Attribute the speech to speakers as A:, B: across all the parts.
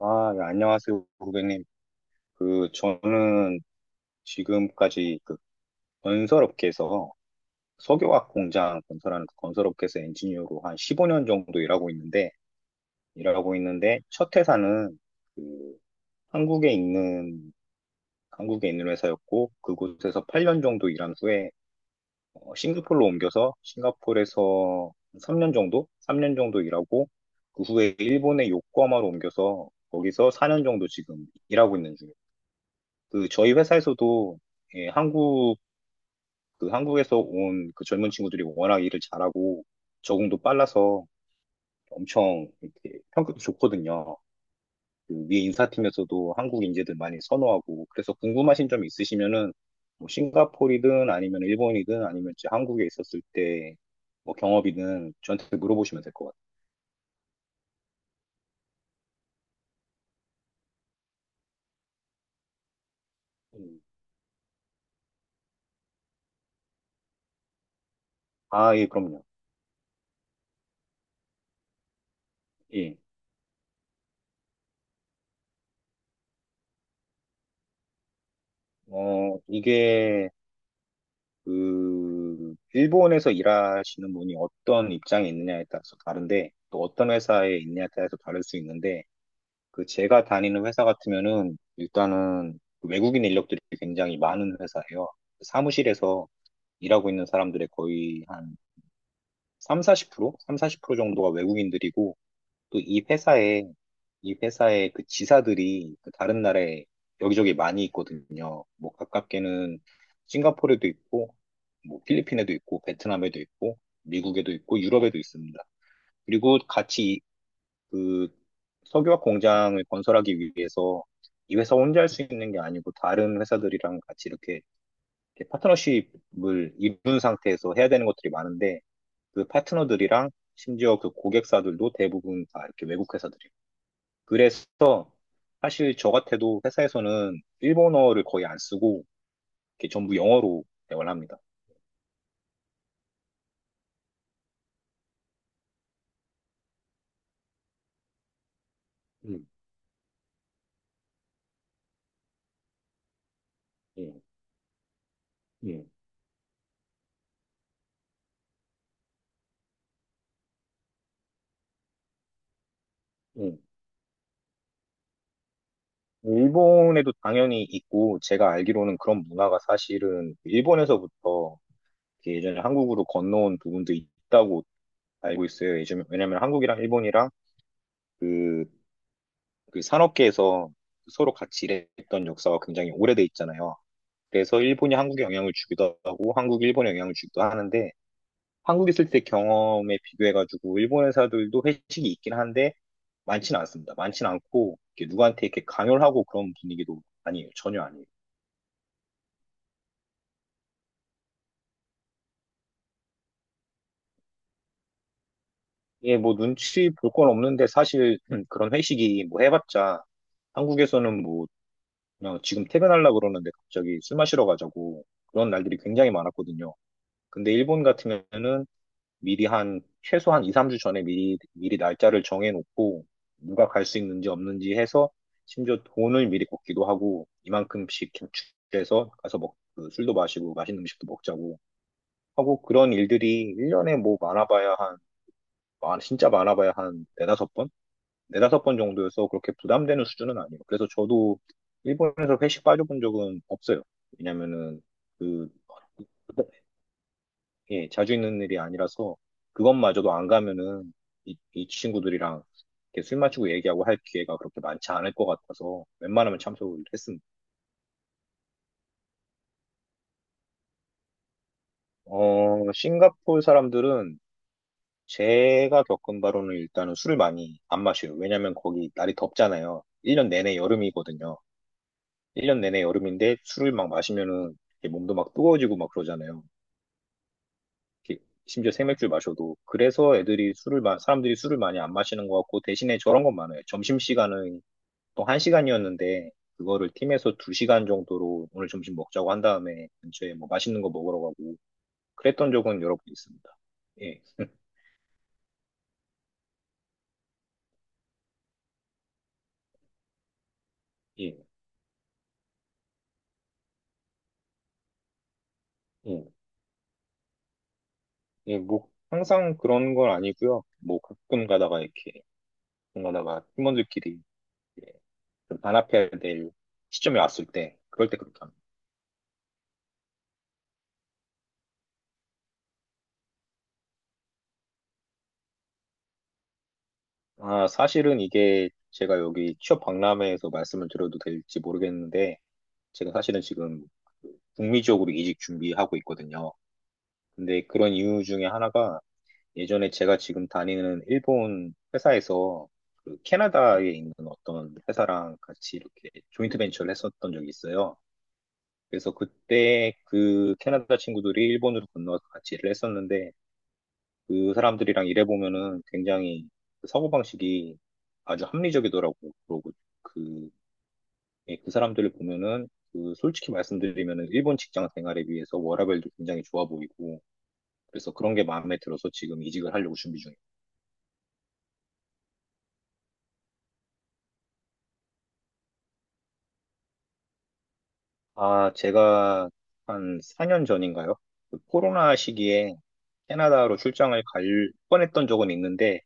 A: 아, 네, 안녕하세요, 고객님. 저는 지금까지 건설업계에서 석유화학 공장 건설하는 그 건설업계에서 엔지니어로 한 15년 정도 일하고 있는데, 첫 회사는 그 한국에 있는, 한국에 있는 회사였고, 그곳에서 8년 정도 일한 후에 싱가포르로 옮겨서 싱가포르에서 3년 정도 일하고, 그 후에 일본의 요코하마로 옮겨서 거기서 4년 정도 지금 일하고 있는 중이에요. 저희 회사에서도 예, 한국에서 온 젊은 친구들이 워낙 일을 잘하고 적응도 빨라서 엄청 이렇게 평가도 좋거든요. 그 위에 인사팀에서도 한국 인재들 많이 선호하고, 그래서 궁금하신 점 있으시면은 뭐 싱가포르이든 아니면 일본이든 아니면 이제 한국에 있었을 때 뭐 경험이든 저한테 물어보시면 될 것 같아요. 음. 아, 예, 그럼요. 예. 이게 일본에서 일하시는 분이 어떤 입장에 있느냐에 따라서 다른데, 또 어떤 회사에 있느냐에 따라서 다를 수 있는데, 제가 다니는 회사 같으면은, 일단은 외국인 인력들이 굉장히 많은 회사예요. 사무실에서 일하고 있는 사람들의 거의 한 삼, 사십 프로 삼사 3, 40% 정도가 외국인들이고, 또 이 회사의 지사들이 다른 나라에 여기저기 많이 있거든요. 뭐 가깝게는 싱가포르에도 있고, 뭐 필리핀에도 있고, 베트남에도 있고, 미국에도 있고, 유럽에도 있습니다. 그리고 같이 그 석유화 공장을 건설하기 위해서 이 회사 혼자 할 수 있는 게 아니고 다른 회사들이랑 같이 이렇게 파트너십을 이룬 상태에서 해야 되는 것들이 많은데 그 파트너들이랑 심지어 그 고객사들도 대부분 다 이렇게 외국 회사들이고 그래서 사실 저 같아도 회사에서는 일본어를 거의 안 쓰고 이렇게 전부 영어로 대화를 합니다. 음, 음, 음, 음. 일본에도 당연히 있고 제가 알기로는 그런 문화가 사실은 일본에서부터 이렇게 예전에 한국으로 건너온 부분도 있다고 알고 있어요. 예전에 왜냐면 한국이랑 일본이랑 그, 그 산업계에서 서로 같이 일했던 역사가 굉장히 오래돼 있잖아요. 그래서 일본이 한국에 영향을 주기도 하고 한국이 일본에 영향을 주기도 하는데 한국 있을 때 경험에 비교해가지고 일본 회사들도 회식이 있긴 한데 많지는 않습니다. 많지는 않고 이렇게 누구한테 이렇게 강요를 하고 그런 분위기도 아니에요. 전혀 아니에요. 예, 뭐 눈치 볼 건 없는데 사실 그런 회식이 뭐 해봤자 한국에서는 뭐 그냥 지금 퇴근하려고 그러는데 갑자기 술 마시러 가자고 그런 날들이 굉장히 많았거든요. 근데 일본 같으면은 미리 한 최소한 2, 3주 전에 미리 미리 날짜를 정해놓고 누가 갈 수 있는지 없는지 해서 심지어 돈을 미리 꽂기도 하고 이만큼씩 저축해서 가서 먹, 그 술도 마시고 맛있는 음식도 먹자고 하고 그런 일들이 1년에 뭐 많아봐야 한 진짜 많아봐야 한 네다섯 번 정도여서 그렇게 부담되는 수준은 아니에요. 그래서 저도 일본에서 회식 빠져본 적은 없어요. 왜냐면은 그 예, 자주 있는 일이 아니라서 그것마저도 안 가면은 이 친구들이랑 이렇게 술 마시고 얘기하고 할 기회가 그렇게 많지 않을 것 같아서 웬만하면 참석을 했습니다. 싱가포르 사람들은 제가 겪은 바로는 일단은 술을 많이 안 마셔요. 왜냐면 거기 날이 덥잖아요. 1년 내내 여름이거든요. 1년 내내 여름인데 술을 막 마시면은 이렇게 몸도 막 뜨거워지고 막 그러잖아요. 이렇게 심지어 생맥주 마셔도. 그래서 사람들이 술을 많이 안 마시는 것 같고, 대신에 저런 건 많아요. 점심시간은 보통 1시간이었는데 그거를 팀에서 2시간 정도로 오늘 점심 먹자고 한 다음에 근처에 뭐 맛있는 거 먹으러 가고 그랬던 적은 여러 번 있습니다. 예, 예, 예, 예, 뭐 항상 그런 건 아니고요. 뭐 가끔 가다가 팀원들끼리 예, 좀 단합해야 될 시점이 왔을 때 그럴 때 그렇게 합니다. 아, 사실은 이게 제가 여기 취업 박람회에서 말씀을 드려도 될지 모르겠는데 제가 사실은 지금 북미 지역으로 이직 준비하고 있거든요. 근데 그런 이유 중에 하나가 예전에 제가 지금 다니는 일본 회사에서 캐나다에 있는 어떤 회사랑 같이 이렇게 조인트 벤처를 했었던 적이 있어요. 그래서 그때 캐나다 친구들이 일본으로 건너와서 같이 일을 했었는데 그 사람들이랑 일해보면은 굉장히 그 사고방식이 아주 합리적이더라고요. 그, 예, 그 사람들을 보면은 솔직히 말씀드리면은 일본 직장 생활에 비해서 워라밸도 굉장히 좋아 보이고 그래서 그런 게 마음에 들어서 지금 이직을 하려고 준비 중이에요. 아, 제가 한 4년 전인가요? 코로나 시기에 캐나다로 출장을 갈 뻔했던 적은 있는데,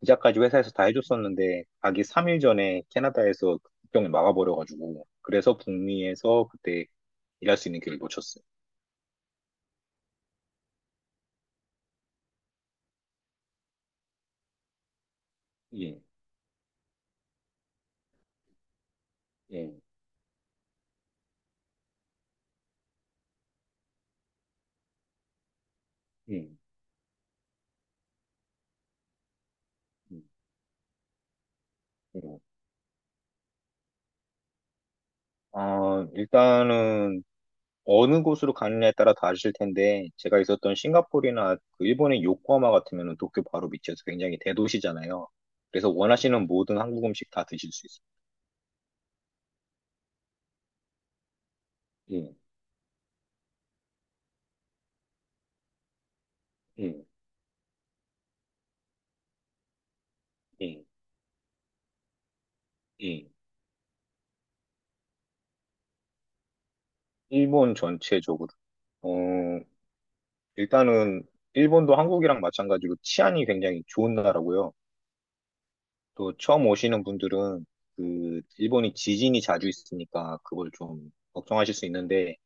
A: 비자까지 회사에서 다 해줬었는데, 가기 3일 전에 캐나다에서 국경을 막아버려가지고, 그래서 북미에서 그때 일할 수 있는 기회를 놓쳤어요. 예, 예, 예. 예. 예. 일단은 어느 곳으로 가느냐에 따라 다르실 텐데 제가 있었던 싱가포르나 그 일본의 요코하마 같으면 도쿄 바로 밑이어서 굉장히 대도시잖아요. 그래서 원하시는 모든 한국 음식 다 드실 수 있어요. 예, 예, 예, 예. 일본 전체적으로. 어, 일단은 일본도 한국이랑 마찬가지로 치안이 굉장히 좋은 나라고요. 또 처음 오시는 분들은 일본이 지진이 자주 있으니까 그걸 좀 걱정하실 수 있는데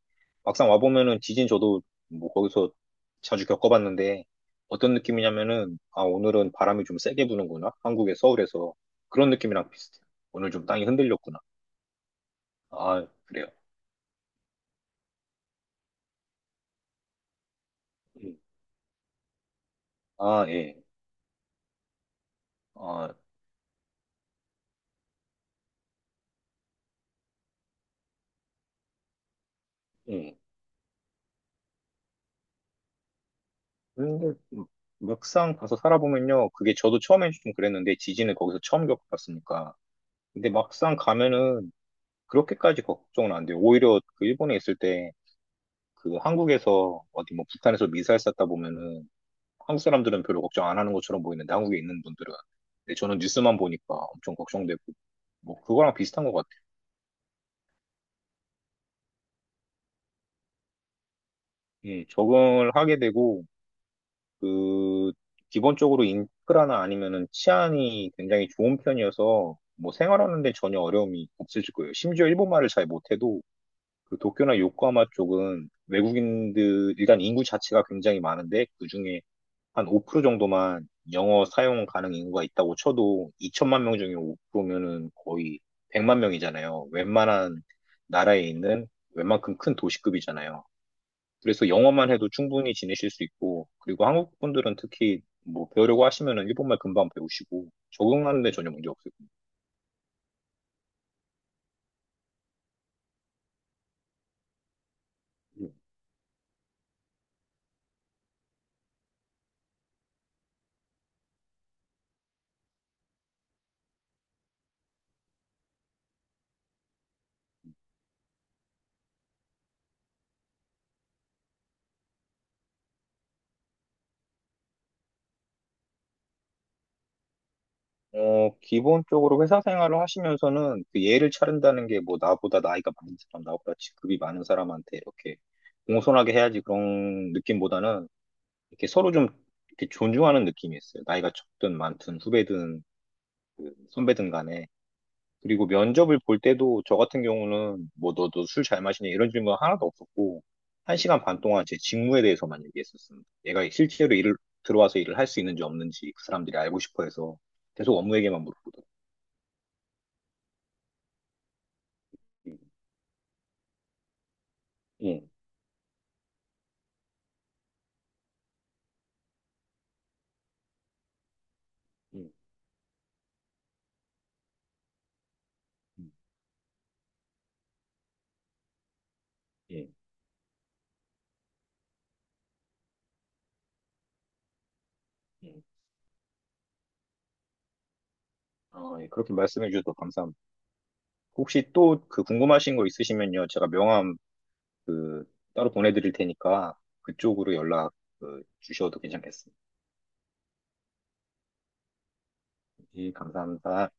A: 막상 와보면은 지진 저도 뭐 거기서 자주 겪어봤는데 어떤 느낌이냐면은, 아, 오늘은 바람이 좀 세게 부는구나, 한국의 서울에서, 그런 느낌이랑 비슷해요. 오늘 좀 땅이 흔들렸구나. 아, 그래요. 음. 아, 예. 아, 예. 근데 막상 가서 살아보면요 그게 저도 처음엔 좀 그랬는데 지진을 거기서 처음 겪어봤으니까 근데 막상 가면은 그렇게까지 걱정은 안 돼요. 오히려 그 일본에 있을 때 그 한국에서 어디 뭐 북한에서 미사일 쐈다 보면은 한국 사람들은 별로 걱정 안 하는 것처럼 보이는데 한국에 있는 분들은. 근데 저는 뉴스만 보니까 엄청 걱정되고 뭐 그거랑 비슷한 것 같아요. 예, 적응을 하게 되고 그 기본적으로 인프라나 아니면은 치안이 굉장히 좋은 편이어서 뭐 생활하는 데 전혀 어려움이 없으실 거예요. 심지어 일본말을 잘 못해도 도쿄나 요코하마 쪽은 외국인들 일단 인구 자체가 굉장히 많은데 그중에 한 5% 정도만 영어 사용 가능 인구가 있다고 쳐도 2천만 명 중에 5%면은 거의 100만 명이잖아요. 웬만한 나라에 있는 웬만큼 큰 도시급이잖아요. 그래서 영어만 해도 충분히 지내실 수 있고, 그리고 한국 분들은 특히 뭐 배우려고 하시면은 일본말 금방 배우시고, 적응하는데 전혀 문제 없을 겁니다. 기본적으로 회사 생활을 하시면서는 예를 차른다는 게 뭐 나보다 나이가 많은 사람, 나보다 직급이 많은 사람한테 이렇게 공손하게 해야지 그런 느낌보다는 이렇게 서로 좀 이렇게 존중하는 느낌이었어요. 나이가 적든 많든 후배든 선배든 간에. 그리고 면접을 볼 때도 저 같은 경우는 뭐 너도 술 잘 마시냐 이런 질문 하나도 없었고 1시간 반 동안 제 직무에 대해서만 얘기했었습니다. 얘가 실제로 일을 들어와서 일을 할 수 있는지 없는지 그 사람들이 알고 싶어 해서 계속 업무 얘기만 물어보더라고요. 예, 예, 예, 예. 예. 아, 예. 그렇게 말씀해 주셔서 감사합니다. 혹시 또 궁금하신 거 있으시면요, 제가 명함 그 따로 보내드릴 테니까 그쪽으로 연락 주셔도 괜찮겠습니다. 예, 감사합니다.